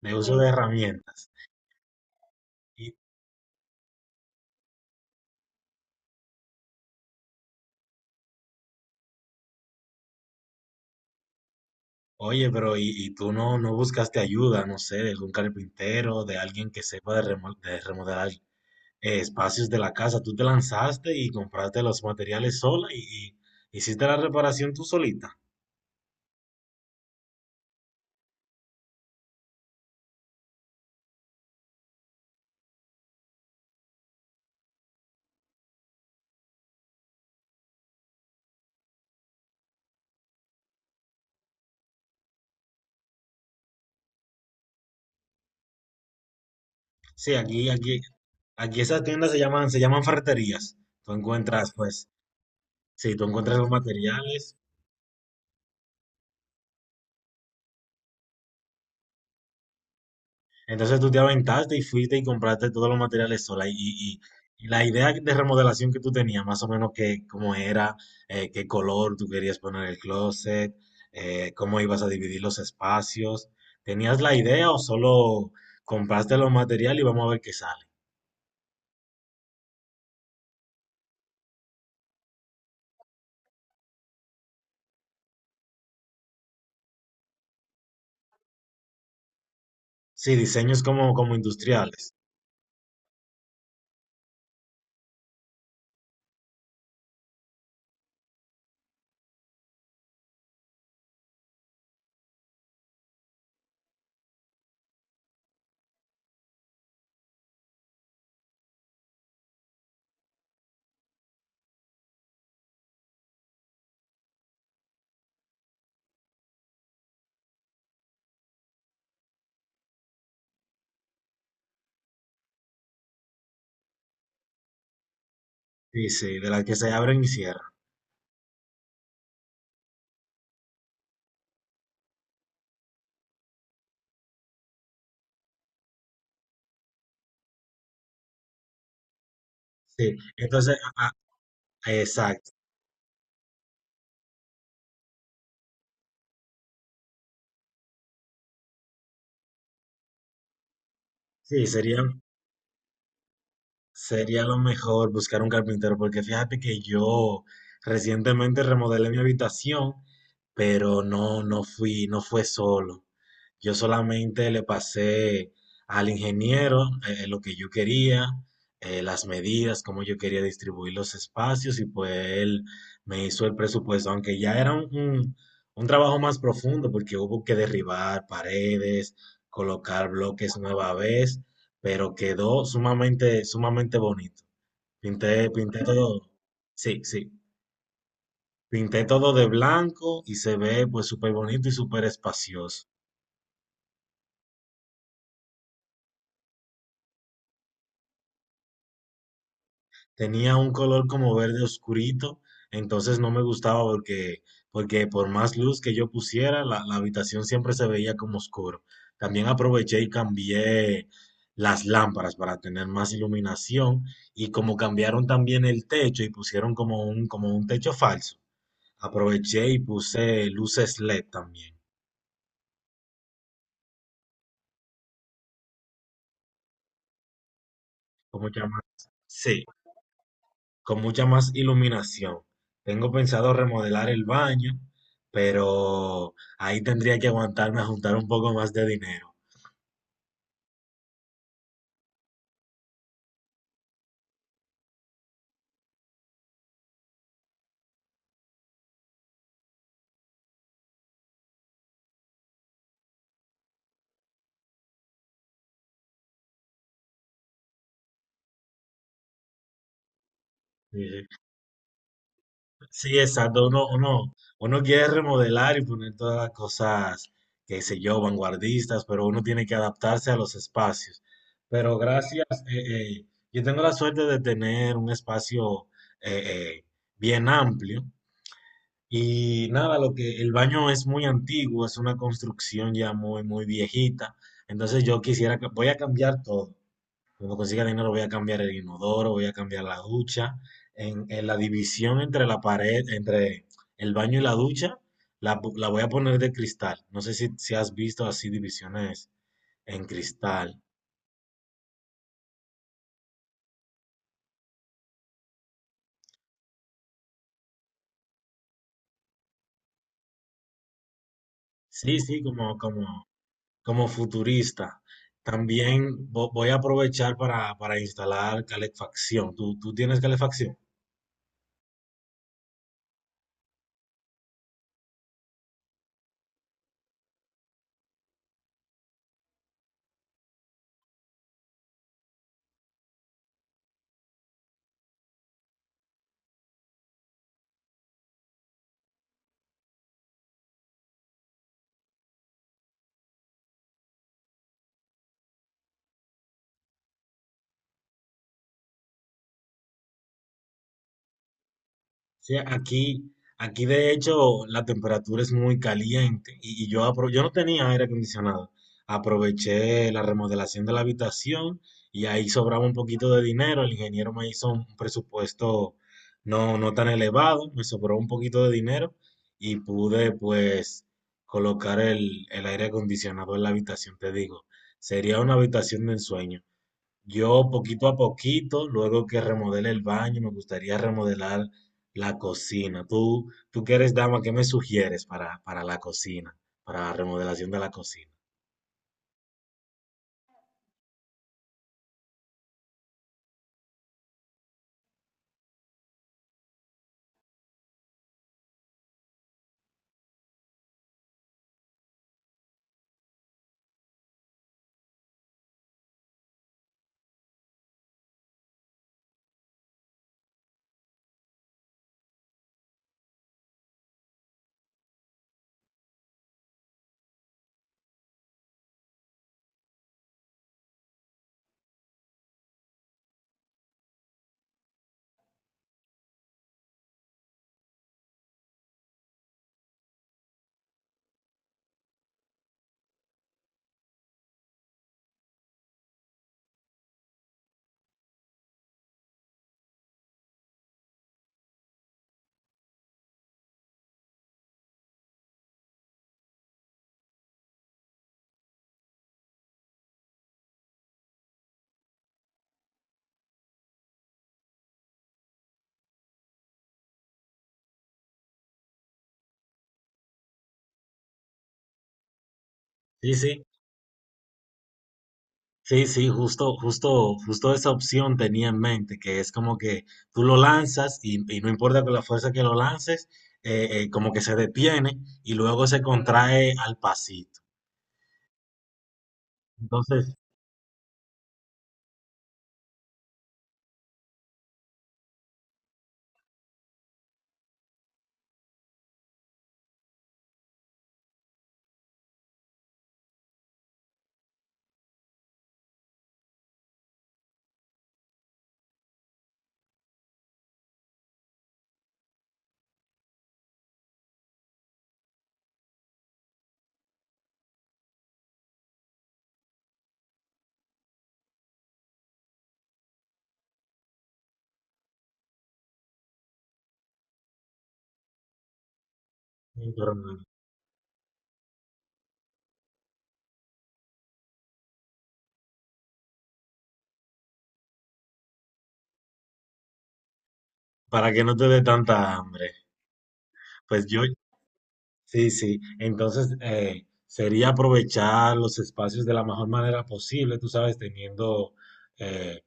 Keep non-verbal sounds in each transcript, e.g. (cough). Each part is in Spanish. De uso de herramientas. Y, oye, pero y tú no buscaste ayuda, no sé, de algún carpintero, de alguien que sepa de, de remodelar espacios de la casa. Tú te lanzaste y compraste los materiales sola y hiciste la reparación tú solita. Sí, aquí esas tiendas se llaman ferreterías. Tú encuentras, pues, sí, tú encuentras los materiales. Entonces tú te aventaste y fuiste y compraste todos los materiales sola. Y la idea de remodelación que tú tenías, más o menos que cómo era, qué color tú querías poner el closet, cómo ibas a dividir los espacios. ¿Tenías la idea o solo compraste los materiales y vamos a ver qué sale? Sí, diseños como, como industriales. Sí, sí, de las que se abren y cierran. Sí, entonces, ah, ah, exacto. Sí, sería. Sería lo mejor buscar un carpintero, porque fíjate que yo recientemente remodelé mi habitación, pero no, no fui, no fue solo. Yo solamente le pasé al ingeniero lo que yo quería, las medidas, cómo yo quería distribuir los espacios y pues él me hizo el presupuesto, aunque ya era un trabajo más profundo porque hubo que derribar paredes, colocar bloques nueva vez, pero quedó sumamente, sumamente bonito. Pinté, pinté todo, sí, sí, pinté todo de blanco y se ve pues súper bonito y súper espacioso. Tenía un color como verde oscurito, entonces no me gustaba porque por más luz que yo pusiera, la habitación siempre se veía como oscuro. También aproveché y cambié las lámparas para tener más iluminación y como cambiaron también el techo y pusieron como un techo falso, aproveché y puse luces LED también. Como llaman? Sí, con mucha más iluminación. Tengo pensado remodelar el baño, pero ahí tendría que aguantarme a juntar un poco más de dinero. Sí, sí, exacto. Uno quiere remodelar y poner todas las cosas, qué sé yo, vanguardistas, pero uno tiene que adaptarse a los espacios. Pero gracias, eh, eh, yo tengo la suerte de tener un espacio eh, eh, bien amplio. Y nada, lo que el baño es muy antiguo, es una construcción ya muy, muy viejita. Entonces yo quisiera, voy a cambiar todo. Cuando consiga dinero voy a cambiar el inodoro, voy a cambiar la ducha. En la división entre la pared, entre el baño y la ducha, la voy a poner de cristal. No sé si, si has visto así divisiones en cristal. Sí, sí, como futurista. También voy a aprovechar para instalar calefacción. ¿Tú, tú tienes calefacción? Sí, aquí de hecho la temperatura es muy caliente y yo, yo no tenía aire acondicionado. Aproveché la remodelación de la habitación y ahí sobraba un poquito de dinero. El ingeniero me hizo un presupuesto no, no tan elevado, me sobró un poquito de dinero y pude pues colocar el aire acondicionado en la habitación, te digo. Sería una habitación de ensueño. Yo poquito a poquito, luego que remodele el baño, me gustaría remodelar la cocina. Tú que eres dama, ¿qué me sugieres para la cocina, para la remodelación de la cocina? Sí, sí, sí, sí, justo, justo, justo esa opción tenía en mente, que es como que tú lo lanzas y no importa con la fuerza que lo lances, como que se detiene y luego se contrae al pasito. Entonces, sí, pero no, para que no te dé tanta hambre. Pues yo, sí, sí. Entonces, sería aprovechar los espacios de la mejor manera posible, tú sabes, teniendo, eh,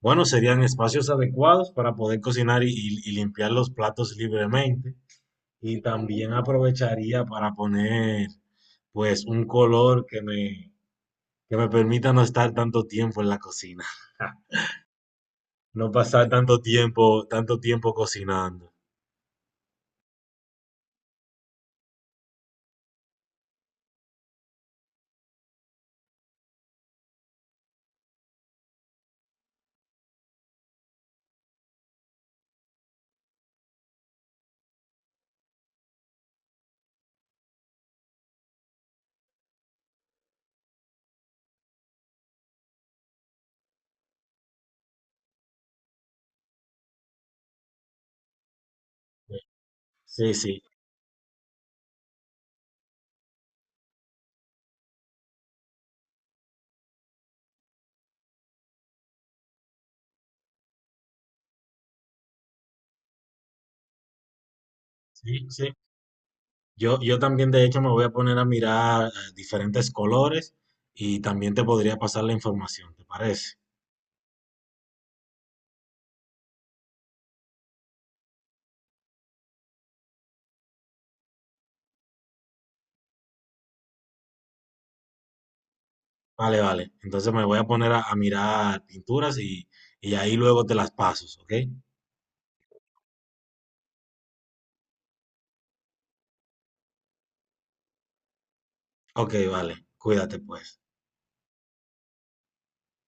bueno, serían espacios adecuados para poder cocinar y, y limpiar los platos libremente. Y también aprovecharía para poner, pues, un color que me permita no estar tanto tiempo en la cocina, (laughs) no pasar tanto tiempo cocinando. Sí, sí, sí, sí. Yo también, de hecho, me voy a poner a mirar diferentes colores y también te podría pasar la información, ¿te parece? Vale, vale. Entonces me voy a poner a mirar pinturas y ahí luego te las paso, ¿ok? Ok, vale. Cuídate pues.